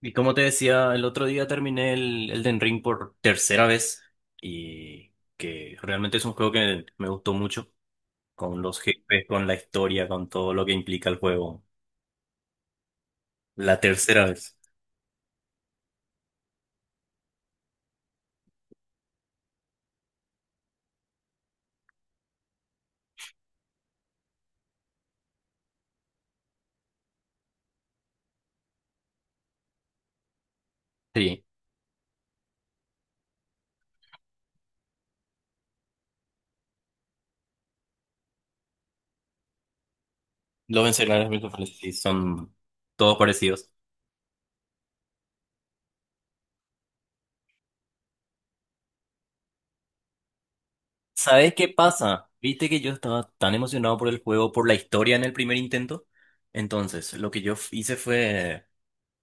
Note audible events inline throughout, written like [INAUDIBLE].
Y como te decía, el otro día terminé el Elden Ring por tercera vez y que realmente es un juego que me gustó mucho, con los jefes, con la historia, con todo lo que implica el juego. La tercera vez. Sí, los escenarios virtuales sí son todos parecidos. ¿Sabes qué pasa? Viste que yo estaba tan emocionado por el juego, por la historia en el primer intento. Entonces, lo que yo hice fue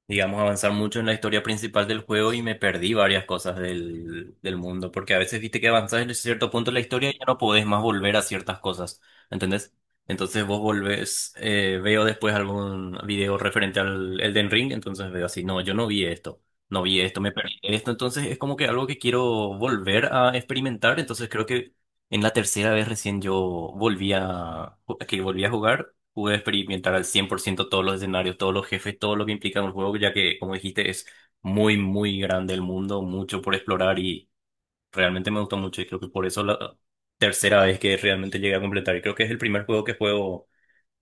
digamos, avanzar mucho en la historia principal del juego y me perdí varias cosas del mundo, porque a veces viste que avanzás en cierto punto de la historia y ya no podés más volver a ciertas cosas, ¿entendés? Entonces vos volvés, veo después algún video referente al Elden Ring, entonces veo así, no, yo no vi esto, no vi esto, me perdí esto, entonces es como que algo que quiero volver a experimentar, entonces creo que en la tercera vez recién yo volví a, que volví a jugar, pude experimentar al 100% todos los escenarios, todos los jefes, todo lo que implica un juego, ya que, como dijiste, es muy, muy grande el mundo, mucho por explorar y realmente me gustó mucho y creo que por eso la tercera vez que realmente llegué a completar. Y creo que es el primer juego que juego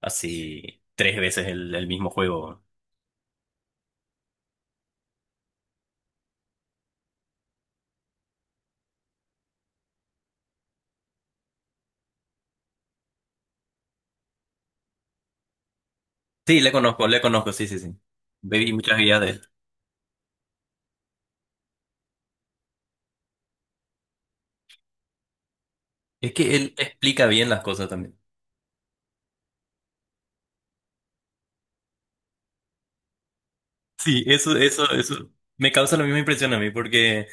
así tres veces el mismo juego. Sí, le conozco, sí, sí, sí. Baby, muchas guías de él. Es que él explica bien las cosas también. Sí, eso, eso, eso. Me causa la misma impresión a mí porque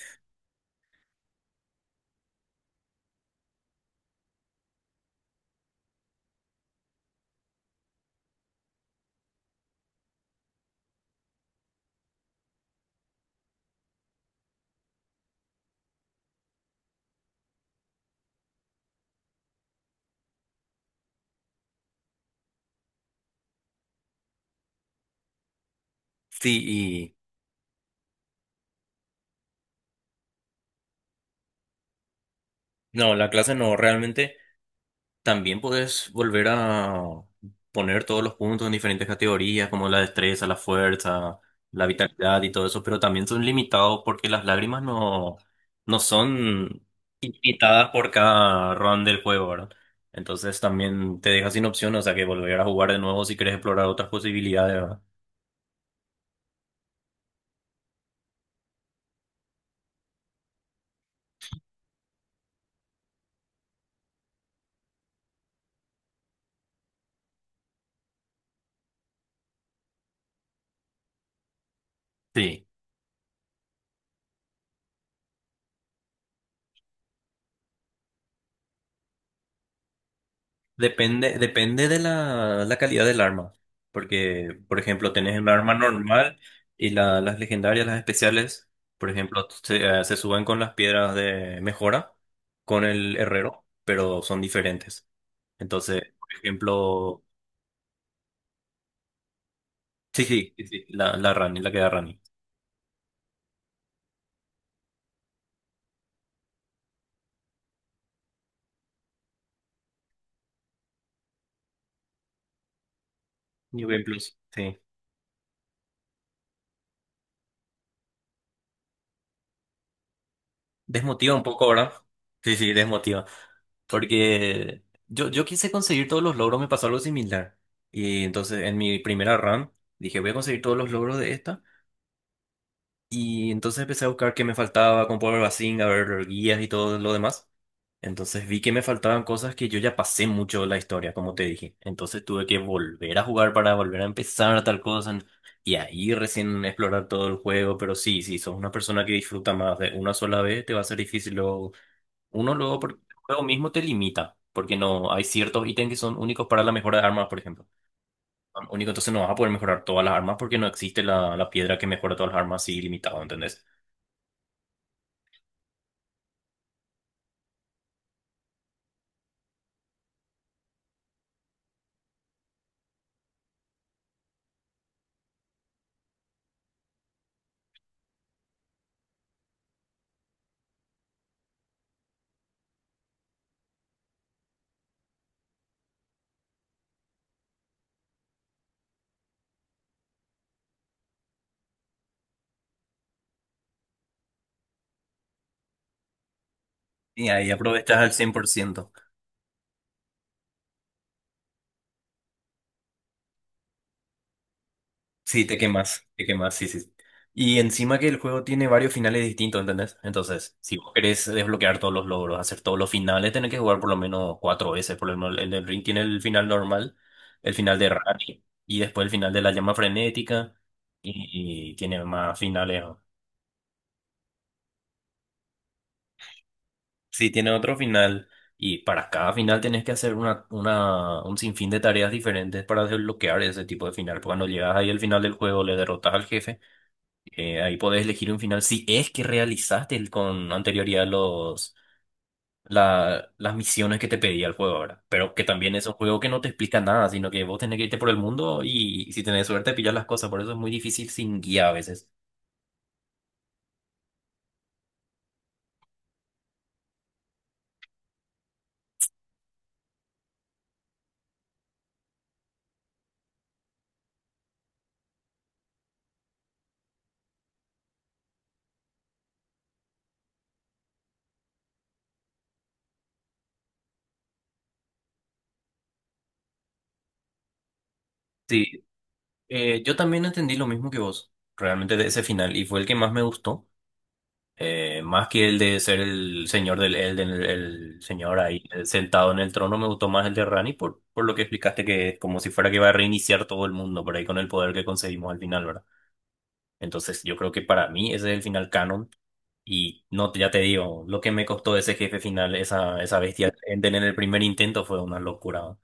sí. Y no, la clase no, realmente también puedes volver a poner todos los puntos en diferentes categorías, como la destreza, la fuerza, la vitalidad y todo eso, pero también son limitados porque las lágrimas no, no son limitadas por cada run del juego, ¿verdad? Entonces también te deja sin opción, o sea que volver a jugar de nuevo si quieres explorar otras posibilidades, ¿verdad? Sí. Depende, depende de la calidad del arma. Porque, por ejemplo, tenés un arma normal y las legendarias, las especiales, por ejemplo, se suben con las piedras de mejora, con el herrero, pero son diferentes. Entonces, por ejemplo, sí, sí, sí, sí, la Rani, la que da Rani. Por ejemplo, sí. Desmotiva un poco, ¿verdad? Sí, sí, desmotiva. Porque yo quise conseguir todos los logros, me pasó algo similar. Y entonces en mi primera run dije, voy a conseguir todos los logros de esta. Y entonces empecé a buscar qué me faltaba, con Power Basing, a ver guías y todo lo demás. Entonces vi que me faltaban cosas que yo ya pasé mucho la historia, como te dije. Entonces tuve que volver a jugar para volver a empezar a tal cosa. Y ahí recién explorar todo el juego. Pero sí, si sos una persona que disfruta más de una sola vez, te va a ser difícil luego uno luego, porque el mismo te limita, porque no hay ciertos ítems que son únicos para la mejora de armas, por ejemplo. Son único, entonces no vas a poder mejorar todas las armas porque no existe la piedra que mejora todas las armas así limitado, ¿entendés? Y ahí aprovechas al 100%. Sí, te quemas, sí, sí. Y encima que el juego tiene varios finales distintos, ¿entendés? Entonces, si vos querés desbloquear todos los logros, hacer todos los finales, tenés que jugar por lo menos cuatro veces. Por lo menos el del ring tiene el final normal, el final de Rani, y después el final de la llama frenética, y tiene más finales, ¿no? Sí, tiene otro final, y para cada final tenés que hacer una, un sinfín de tareas diferentes para desbloquear ese tipo de final. Porque cuando llegas ahí al final del juego, le derrotas al jefe. Ahí podés elegir un final si es que realizaste con anterioridad los, las misiones que te pedía el juego ahora. Pero que también es un juego que no te explica nada, sino que vos tenés que irte por el mundo y, si tenés suerte pillar las cosas. Por eso es muy difícil sin guía a veces. Sí, yo también entendí lo mismo que vos, realmente de ese final, y fue el que más me gustó. Más que el de ser el señor del Elden, el señor ahí sentado en el trono, me gustó más el de Rani por lo que explicaste que es como si fuera que va a reiniciar todo el mundo por ahí con el poder que conseguimos al final, ¿verdad? Entonces yo creo que para mí ese es el final canon y no, ya te digo, lo que me costó ese jefe final, esa bestia Elden en el primer intento fue una locura, ¿no?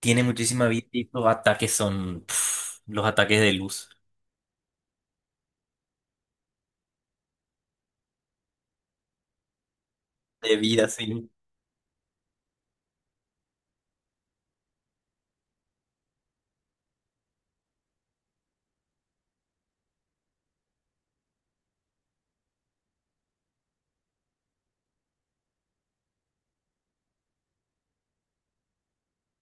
Tiene muchísima vida y los ataques son pf, los ataques de luz, de vida, sí.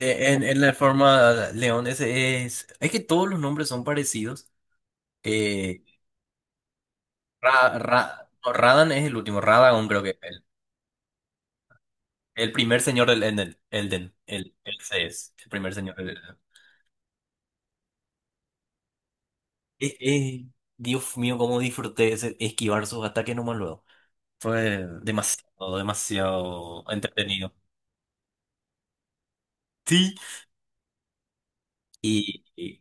En la forma leones es, es que todos los nombres son parecidos. Eh, no, Radan es el último, Radagon creo que es el primer señor del Elden, el C es el primer señor del Elden. Eh, eh, Dios mío, cómo disfruté ese esquivar sus ataques nomás luego. Fue demasiado, demasiado entretenido. Sí. Y, y-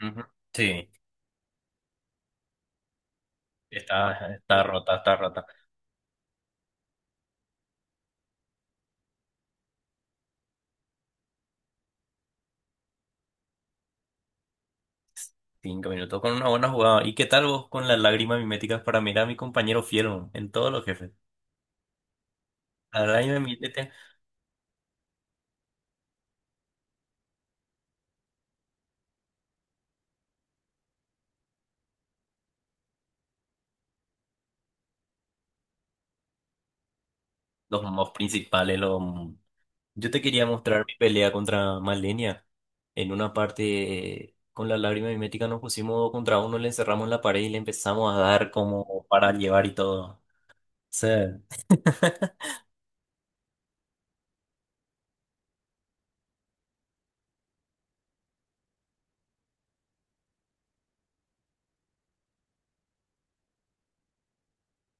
Ujú, sí, está, está rota, está rota. Cinco minutos con una buena jugada. ¿Y qué tal vos con las lágrimas miméticas para mirar a mi compañero fiel en todos los jefes? A la lágrima mimética, los mobs principales, los... Yo te quería mostrar mi pelea contra Malenia. En una parte, con la lágrima mimética nos pusimos dos contra uno, le encerramos en la pared y le empezamos a dar como para llevar y todo. Sí. [LAUGHS]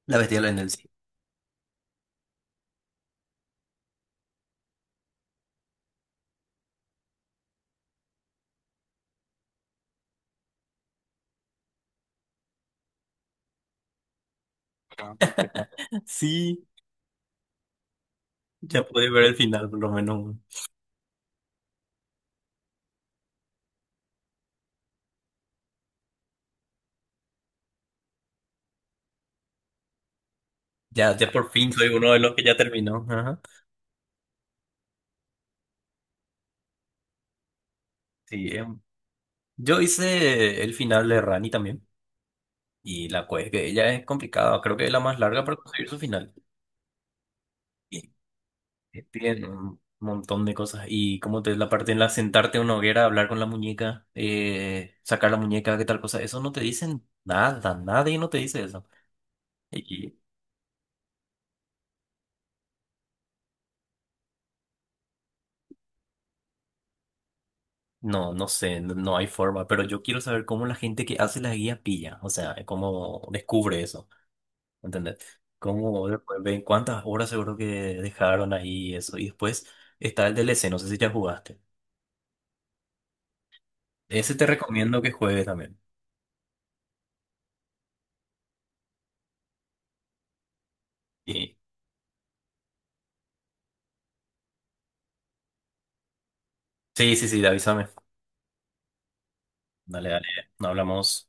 La bestia de la sí. [LAUGHS] Sí, ya pude ver el final por lo menos. Ya, ya por fin soy uno de los que ya terminó. Ajá. Sí, es yo hice el final de Rani también. Y la quest que ella es complicada. Creo que es la más larga para conseguir su final. Y tienen un montón de cosas. Y como te la parte en la sentarte en una hoguera, hablar con la muñeca, sacar la muñeca, qué tal cosa. Eso no te dicen nada. Nadie no te dice eso. Y no, no sé, no, no hay forma. Pero yo quiero saber cómo la gente que hace la guía pilla. O sea, cómo descubre eso. ¿Entendés? ¿Cómo después ven cuántas horas seguro que dejaron ahí y eso? Y después está el DLC. No sé si ya jugaste. Ese te recomiendo que juegues también. Y... sí, sí, sí, avísame. Dale, dale. Nos hablamos.